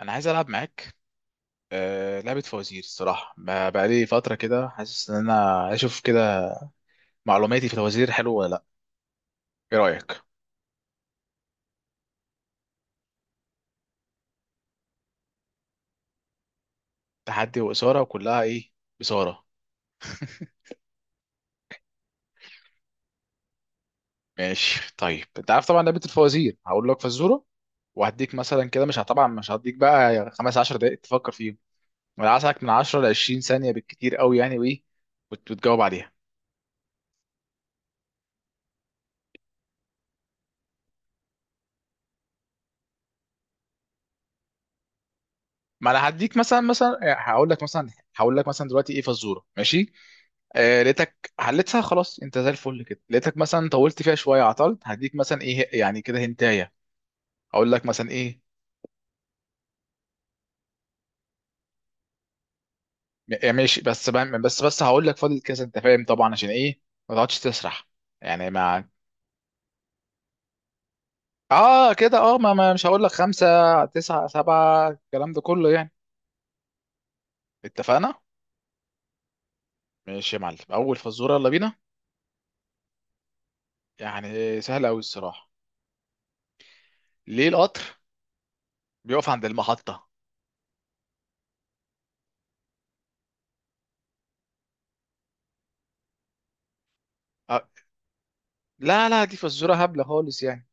انا عايز العب معاك. لعبه فوازير الصراحه بقالي فتره كده حاسس ان انا اشوف كده. معلوماتي في الفوازير حلوه ولا لا؟ ايه رايك؟ تحدي واثاره وكلها ايه؟ بصاره. ماشي. طيب انت عارف طبعا لعبه الفوازير هقول لك فزوره وهديك مثلا كده مش ه- طبعا مش هديك بقى خمس عشر دقائق تفكر فيهم. انا عايزك من 10 ل 20 ثانيه بالكتير قوي يعني. وايه وتجاوب عليها. ما انا هديك مثلا هقول لك مثلا. هقول لك مثلا دلوقتي ايه فزوره ماشي. آه لقيتك حلتها خلاص، انت زي الفل كده. لقيتك مثلا طولت فيها شويه عطلت، هديك مثلا ايه يعني كده هنتايه. هقول لك مثلا ايه؟ ماشي. بس بقى- بس بس هقول لك فاضل كذا انت فاهم طبعا عشان ايه، ما تقعدش تسرح. يعني ما. اه كده، اه مش هقول لك خمسة، تسعة، سبعة، الكلام ده كله يعني. اتفقنا. ماشي يا معلم، اول فزوره، يلا بينا. يعني سهله قوي الصراحه. ليه القطر بيقف عند المحطه؟ آه، لا لا، دي فزوره هبله خالص يعني.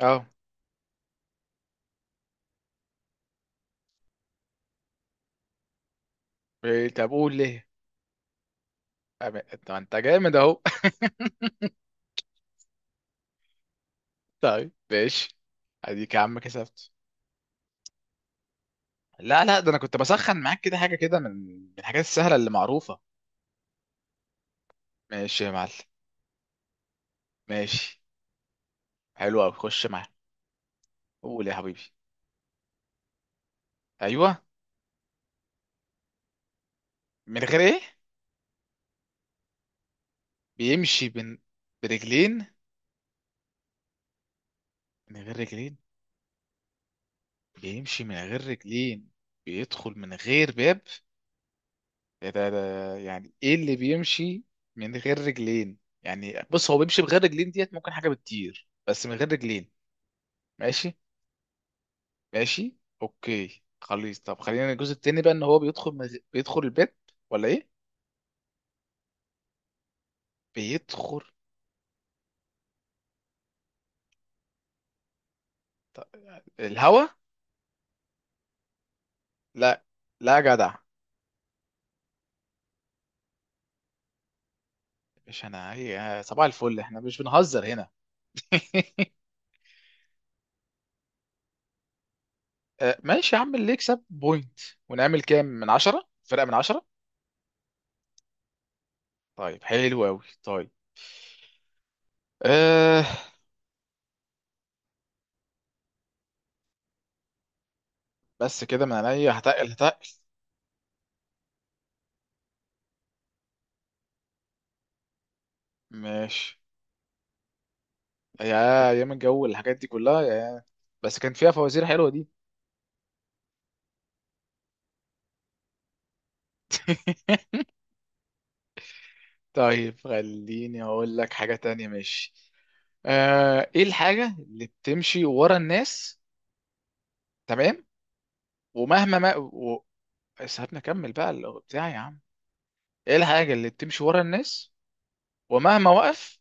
اه. طب قول ليه. طب انت جامد اهو. طيب ماشي. اديك يا عم كسبت. لا لا، ده انا كنت بسخن معاك كده، حاجه كده من الحاجات السهله اللي معروفه. ماشي يا معلم. ماشي. حلو قوي، خش معايا. قول يا حبيبي. ايوه. من غير ايه؟ بيمشي بن... برجلين؟ من غير رجلين؟ بيمشي من غير رجلين، بيدخل من غير باب. ده ده ده يعني ايه اللي بيمشي من غير رجلين؟ يعني بص هو بيمشي بغير رجلين، ديت ممكن حاجة بتطير بس من غير رجلين. ماشي. ماشي. اوكي خلاص، طب خلينا الجزء التاني بقى، ان هو بيدخل بيدخل البيت ولا ايه؟ بيدخل. الهوا. لا لا يا جدع. مش انا، هي صباح الفل، احنا مش بنهزر هنا. ماشي يا عم، اللي يكسب بوينت. ونعمل كام؟ من عشرة؟ فرقة من عشرة؟ طيب حلو قوي طيب. أه. بس كده من عينيا، هتقل هتقل. ماشي. يا ايام الجو والحاجات دي كلها يا. بس كان فيها فوازير حلوه دي. طيب خليني اقول لك حاجه تانية، ماشي. آه، ايه الحاجه اللي بتمشي ورا الناس؟ تمام. ومهما ما و... سيبني اكمل بقى بتاعي يا عم. ايه الحاجه اللي بتمشي ورا الناس ومهما وقف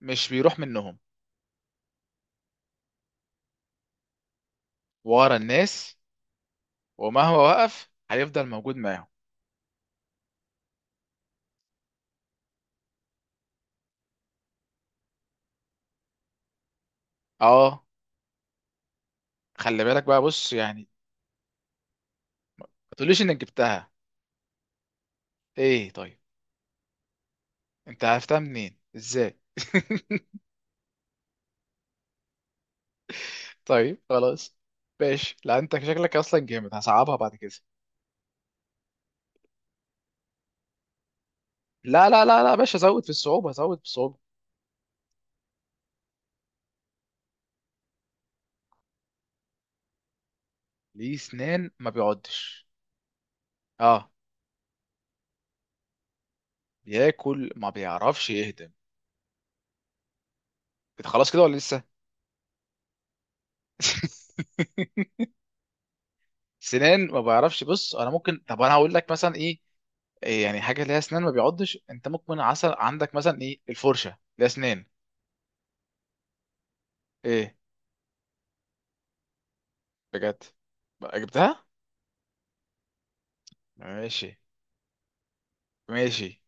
مش بيروح منهم؟ ورا الناس، ومهما وقف هيفضل موجود معاهم. اه. خلي بالك بقى، بص يعني. ما تقوليش انك جبتها. ايه؟ طيب، انت عرفتها منين ازاي؟ طيب خلاص. ماشي، لا انت شكلك اصلا جامد، هصعبها بعد كده. لا لا لا لا يا باشا، زود في الصعوبه، زود في الصعوبه. ليه سنان ما بيعضش؟ اه. بياكل ما بيعرفش يهضم؟ كده خلاص، كده ولا لسه؟ سنان ما بيعرفش. بص، انا ممكن. طب انا هقول لك مثلا ايه، يعني حاجه ليها اسنان ما بيعضش، انت ممكن عسل عندك مثلا، ايه، الفرشه ليها اسنان. ايه؟ بجد؟ بقى جبتها؟ ماشي. ماشي.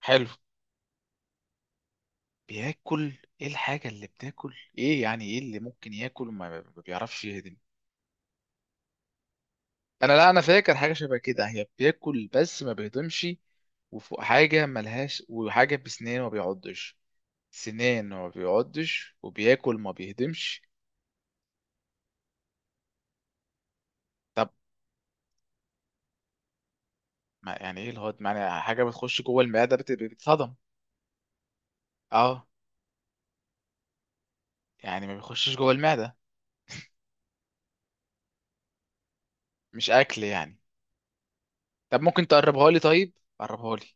حلو. بياكل. ايه الحاجة اللي بتاكل، ايه يعني، ايه اللي ممكن ياكل وما ما بيعرفش يهضم؟ انا، لا انا فاكر حاجة شبه كده، هي بياكل بس ما بيهضمش وفوق حاجة ملهاش. وحاجة بسنان ما بيعضش، سنان ما بيعضش وبياكل ما بيهضمش. طب ما يعني ايه الهضم؟ يعني حاجة بتخش جوه المعدة بتتهضم. اه، يعني ما بيخشش جوه المعدة، مش اكل يعني. طب ممكن تقربها لي؟ طيب قربها لي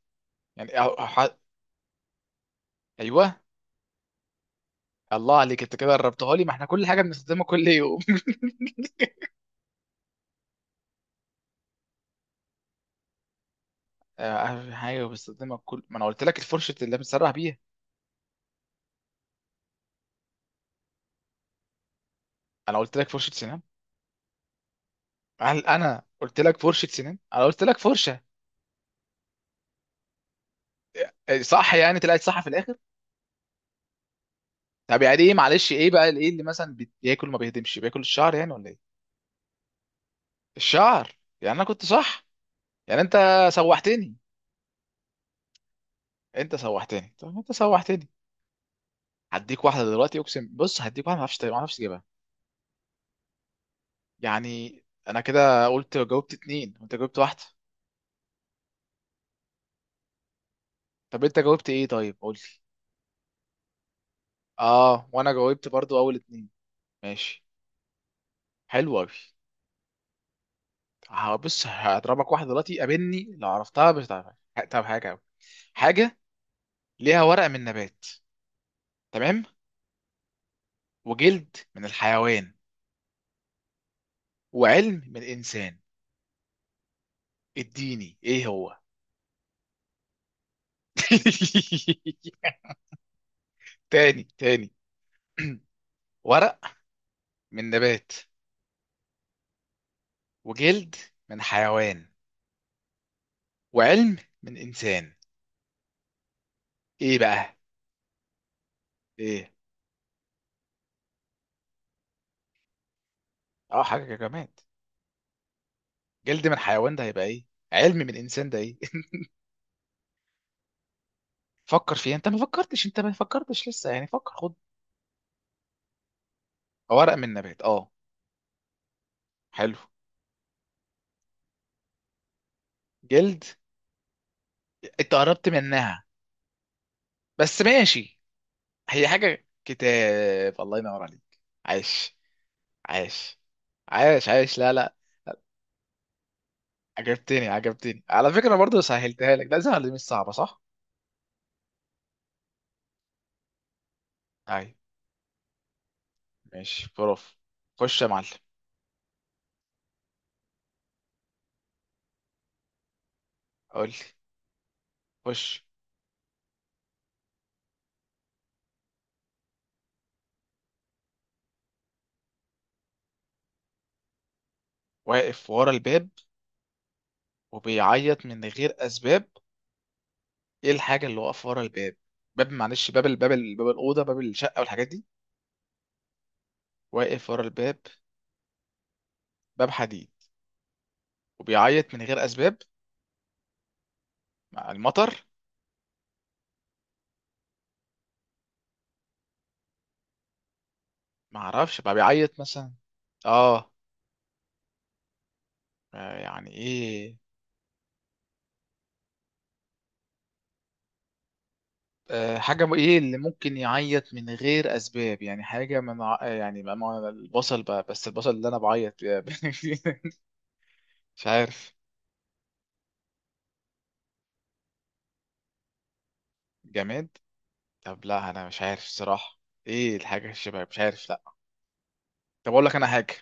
يعني ايوه. الله عليك، انت كده قربتها لي، ما احنا كل حاجه بنستخدمها كل يوم. حاجه بستخدمها كل، ما انا قلت لك الفرشه اللي بنسرح بيها. انا قلت لك فرشه سنان؟ هل انا قلت لك فرشه سنان؟ انا قلت لك فرشه. صح، يعني طلعت صح في الاخر. طب يعني ايه، معلش، ايه بقى، ايه اللي مثلا بياكل ما بيهدمش، بياكل الشعر يعني ولا ايه؟ الشعر، يعني انا كنت صح. يعني انت سوحتني. انت سوحتني، طب انت سوحتني. هديك واحده دلوقتي، اقسم، بص هديك واحده ما اعرفش، ما اعرفش اجيبها. يعني انا كده قلت جاوبت اتنين وانت جاوبت واحده. طب انت جاوبت ايه طيب، قول لي. اه، وانا جاوبت برضو اول اتنين. ماشي. حلو قوي. بص هضربك واحده دلوقتي، قابلني لو عرفتها، مش هتعرفها. طب حاجه أوي. حاجه ليها ورق من نبات، تمام، وجلد من الحيوان، وعلم من الانسان. اديني ايه هو؟ تاني تاني. ورق من نبات، وجلد من حيوان، وعلم من انسان. ايه بقى؟ ايه؟ اه حاجه كمان. جلد من حيوان ده هيبقى ايه؟ علم من انسان ده ايه؟ فكر فيها، انت ما فكرتش، انت ما فكرتش لسه يعني، فكر، خد. ورق من نبات. اه. حلو. جلد. انت قربت منها بس، ماشي. هي حاجة كتاب؟ الله ينور عليك. عايش. عايش عايش لا لا. عجبتني، عجبتني على فكرة. برضه سهلتها لك، ده سهل مش صعبة صح؟ ايوه. ماشي بروف. خش يا معلم. قول لي. خش. واقف ورا الباب وبيعيط من غير اسباب. ايه الحاجه اللي واقف ورا الباب؟ باب معلش، باب، الباب، باب الاوضه، باب الشقه والحاجات دي. واقف ورا الباب. باب حديد. وبيعيط من غير اسباب. مع المطر. ما اعرفش بقى، بيعيط مثلا. اه. يعني ايه؟ آه، ايه اللي ممكن يعيط من غير اسباب، يعني حاجه من ع- آه، يعني البصل بقى، بس البصل اللي انا بعيط بيه. مش عارف. جماد. طب لا انا مش عارف الصراحه. ايه الحاجه، الشباب، مش عارف لا. طب اقول لك انا حاجه.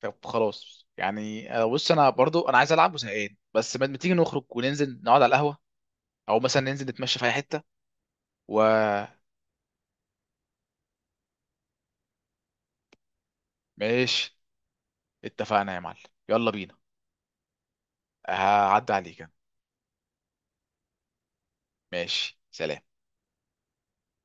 طب خلاص يعني، بص انا برضو انا عايز العب وزهقان، بس ما ما تيجي نخرج وننزل نقعد على القهوه، او مثلا ننزل نتمشى في اي حته. وماشي. اتفقنا يا معلم. يلا بينا. هعدي عليك أنا. ماشي سلام.